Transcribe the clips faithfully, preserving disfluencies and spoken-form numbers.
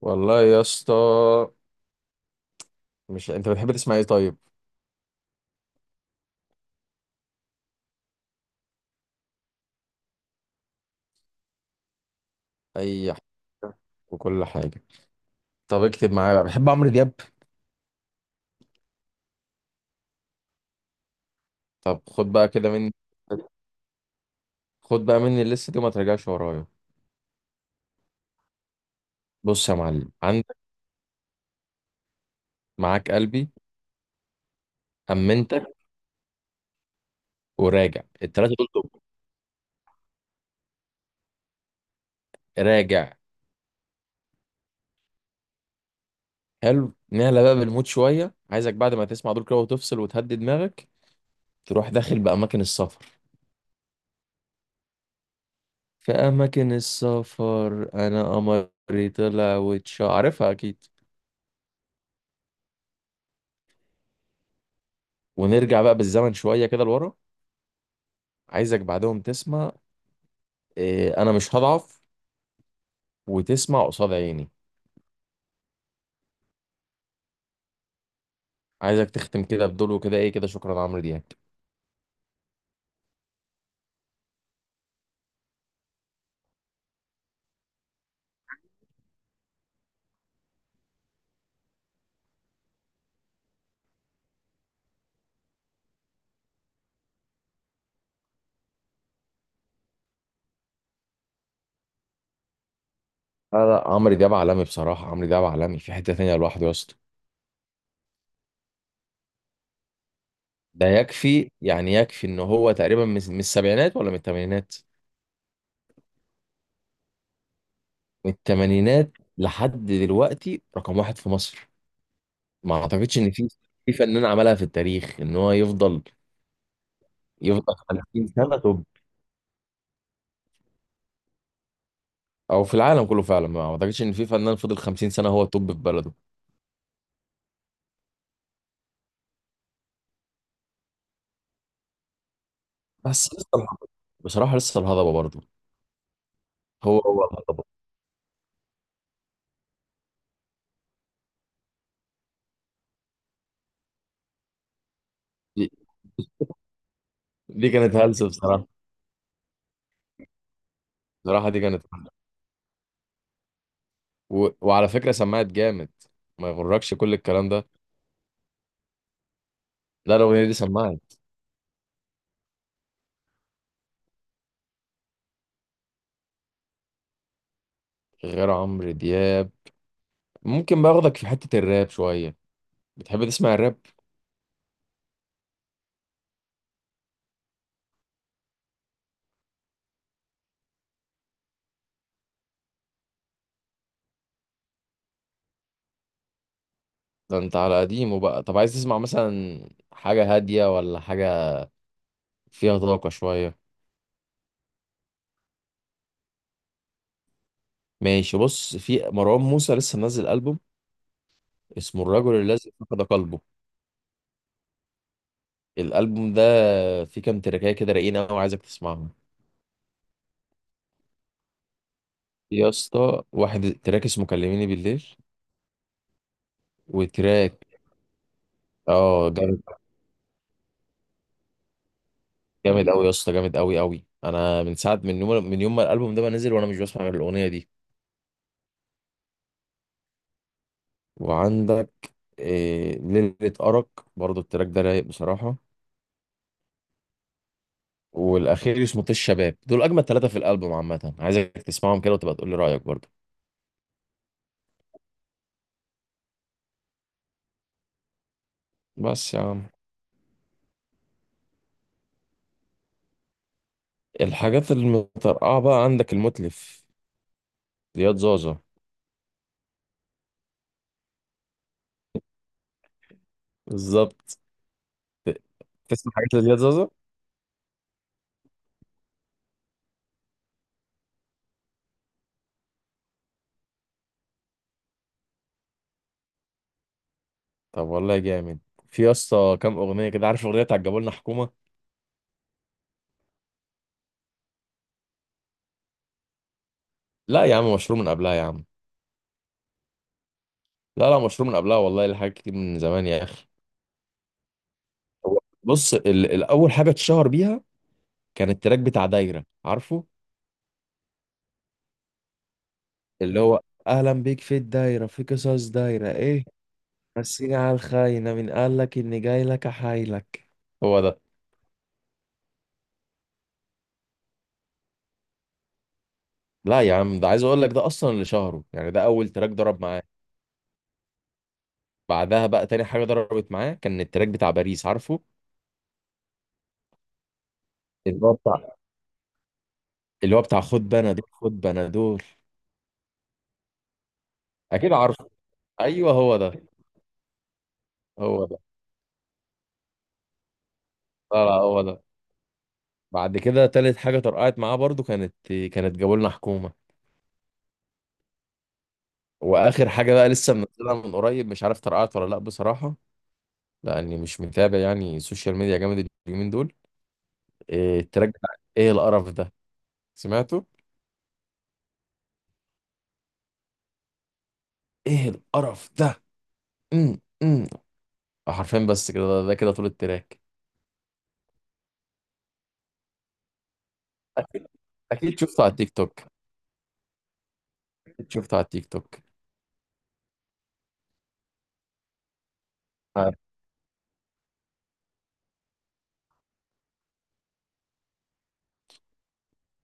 والله يا اسطى. مش انت بتحب تسمع ايه طيب؟ اي حاجه وكل حاجه. طب اكتب معايا بقى، بحب عمرو دياب. طب خد بقى كده مني، خد بقى مني الليسته دي وما ترجعش ورايا. بص يا معلم، عندك معاك قلبي، امنتك، وراجع التلاته دول توب، راجع. حلو، نعلى بقى بالمود شويه. عايزك بعد ما تسمع دول كده وتفصل وتهدي دماغك، تروح داخل باماكن السفر، في اماكن السفر، انا قمري طلع واتش، عارفها اكيد. ونرجع بقى بالزمن شويه كده لورا. عايزك بعدهم تسمع إيه انا مش هضعف، وتسمع قصاد عيني. عايزك تختم كده بدول، وكده ايه كده، شكرا عمرو دياب. لا لا، عمرو دياب عالمي بصراحة، عمرو دياب عالمي في حتة تانية لوحده يا اسطى. ده يكفي، يعني يكفي، ان هو تقريبا من من السبعينات ولا من الثمانينات. من الثمانينات لحد دلوقتي رقم واحد في مصر. ما اعتقدش ان في في فنان عملها في التاريخ ان هو يفضل يفضل خمسين سنة توب، او في العالم كله فعلا. ما اعتقدش ان في فنان فضل خمسين سنة هو توب في بلده. بس بصراحة لسه الهضبة برضه، هو هو الهضبة. دي, دي كانت هلسة بصراحة. بصراحة دي كانت هلسة. و... وعلى فكرة سمعت جامد، ما يغركش كل الكلام ده. لا، الأغنية دي سمعت. غير عمرو دياب، ممكن باخدك في حتة الراب شوية. بتحب تسمع الراب؟ ده انت على قديمه بقى. طب عايز تسمع مثلا حاجة هادية ولا حاجة فيها طاقة شوية؟ ماشي، بص، في مروان موسى لسه منزل ألبوم اسمه الرجل الذي فقد قلبه. الألبوم ده فيه كام تراكاية كده رايقين أوي، عايزك تسمعهم يا اسطى. واحد تراك اسمه كلميني بالليل، وتراك، اه جامد. جامد قوي يا اسطى، جامد قوي قوي. انا من ساعه من يوم من يوم ما الالبوم ده ما نزل، وانا مش بسمع غير الاغنيه دي. وعندك إيه ليله ارق، برضو التراك ده رايق بصراحه. والاخير اسمه طش الشباب. دول اجمل ثلاثه في الالبوم عامه، عايزك تسمعهم كده وتبقى تقول لي رايك برضو. بس يا عم، الحاجات المترقعه بقى، عندك المتلف، زياد زازا. بالظبط. تسمع حاجات لزياد زازا؟ طب والله جامد. في يا اسطى كام اغنيه كده، عارف اغنيه بتاعت جابوا لنا حكومه؟ لا يا عم، مشروع من قبلها يا عم. لا لا، مشروع من قبلها والله، لحاجات كتير من زمان يا اخي. هو بص، ال- الاول حاجه اتشهر بيها كان التراك بتاع دايره، عارفه؟ اللي هو اهلا بيك في الدايره، في قصص دايره ايه، مسيني على الخاينه، من قال لك اني جاي لك احايلك. هو ده. لا يا عم، ده عايز اقول لك ده اصلا اللي شهره، يعني ده اول تراك ضرب معاه. بعدها بقى تاني حاجه ضربت معاه كان التراك بتاع باريس، عارفه؟ اللي هو بتاع خد بنادول، خد بنادول. اكيد عارفه. ايوه هو ده، هو ده. لا لا، هو ده. بعد كده تالت حاجه طرقعت معاه برضو كانت كانت جابوا لنا حكومه. واخر حاجه بقى، لسه منزلها من قريب، مش عارف طرقعت ولا لا بصراحه، لاني مش متابع يعني السوشيال ميديا جامد اليومين دول. إيه التراك بتاع ايه القرف ده، سمعته؟ ايه القرف ده. امم امم حرفيا بس كده، ده, ده كده طول التراك. اكيد اكيد شفته على التيك توك. اكيد شفته على التيك توك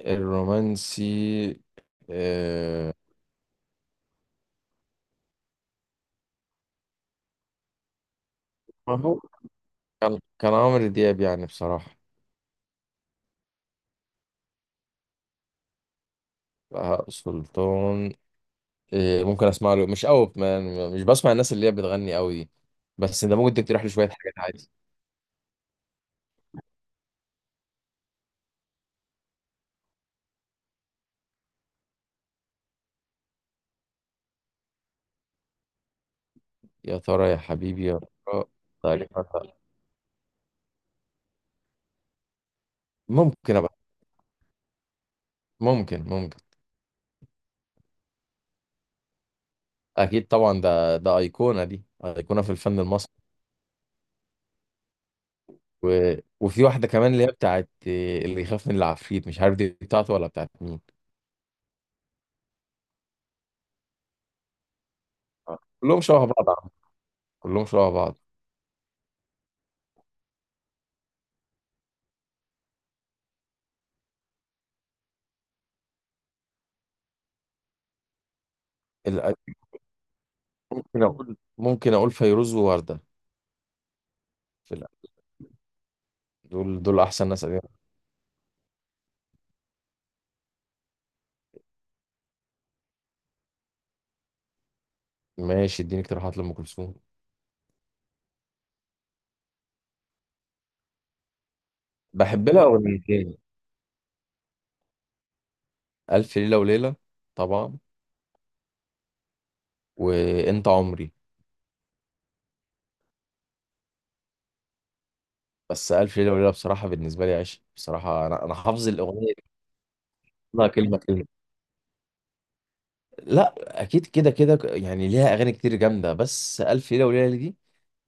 الرومانسي آه، ما هو كان كان عمرو دياب يعني بصراحة. بهاء سلطان، آه، ممكن اسمع له مش قوي، ما- مش بسمع الناس اللي هي بتغني قوي دي. بس انت ممكن تقترح لي شوية حاجات عادي. يا ترى يا حبيبي يا ترى، تقريبا ده. ممكن ابقى، ممكن ممكن. اكيد طبعا، ده ده ايقونة، دي ايقونة في الفن المصري. و... وفي واحدة كمان اللي هي بتاعت آه، اللي يخاف من العفريت، مش عارف دي بتاعته ولا بتاعت مين. كلهم شبه بعض عم. كلهم شبه بعض. ممكن اقول ممكن اقول فيروز ووردة. في الأ- دول دول احسن ناس قديمة. ماشي اديني اقتراحات لأم كلثوم. بحب لها اغنيتين: ألف ليلة وليلة، طبعا، وأنت عمري. بس ألف ليلة وليلة بصراحة بالنسبة لي عشق بصراحة. أنا أنا حافظ الأغنية كلها كلمة كلمة. لا، أكيد كده كده، ك- يعني ليها أغاني كتير جامدة، بس ألف ليلة وليلة دي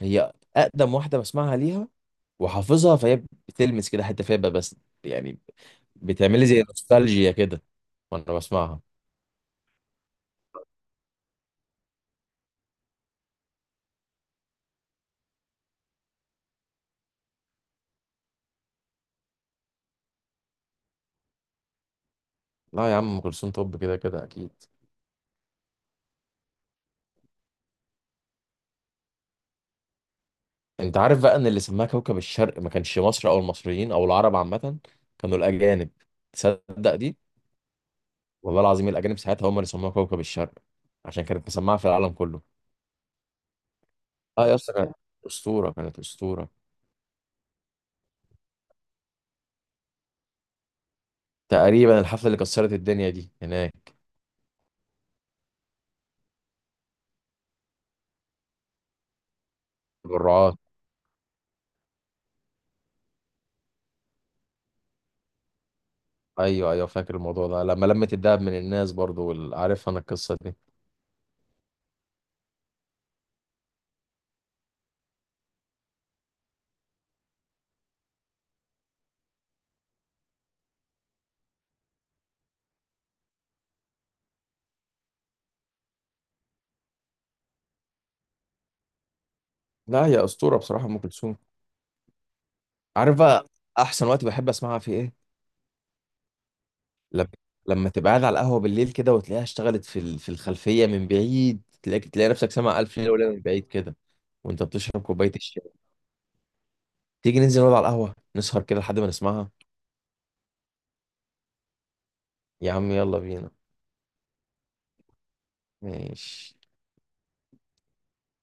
هي أقدم واحدة بسمعها ليها وحافظها، فهي بتلمس كده حتة فيها بس يعني، بتعملي زي نوستالجيا كده وأنا بسمعها. لا يا عم، ام كلثوم طب كده كده اكيد. انت عارف بقى ان اللي سماها كوكب الشرق ما كانش مصر او المصريين او العرب عامه، كانوا الاجانب؟ تصدق دي؟ والله العظيم، الاجانب ساعتها هم اللي سموها كوكب الشرق عشان كانت مسمعه في العالم كله. اه يا اسطى، كانت اسطوره، كانت اسطوره. تقريبا الحفله اللي كسرت الدنيا دي هناك. بالرعاة. ايوه ايوه، فاكر الموضوع ده لما لمت الدهب من الناس برضو، وال- عارف انا القصه دي. لا يا اسطوره بصراحه، ام كلثوم. عارف بقى احسن وقت بحب اسمعها في ايه؟ لما لما تبقى قاعد على القهوة بالليل كده وتلاقيها اشتغلت في ال- في الخلفية من بعيد، تلاقي تلاقي نفسك سامع ألف ليلة وليلة من بعيد كده، وأنت بتشرب كوباية الشاي. تيجي ننزل نقعد على القهوة نسهر كده لحد ما نسمعها؟ يا عم يلا بينا. ماشي.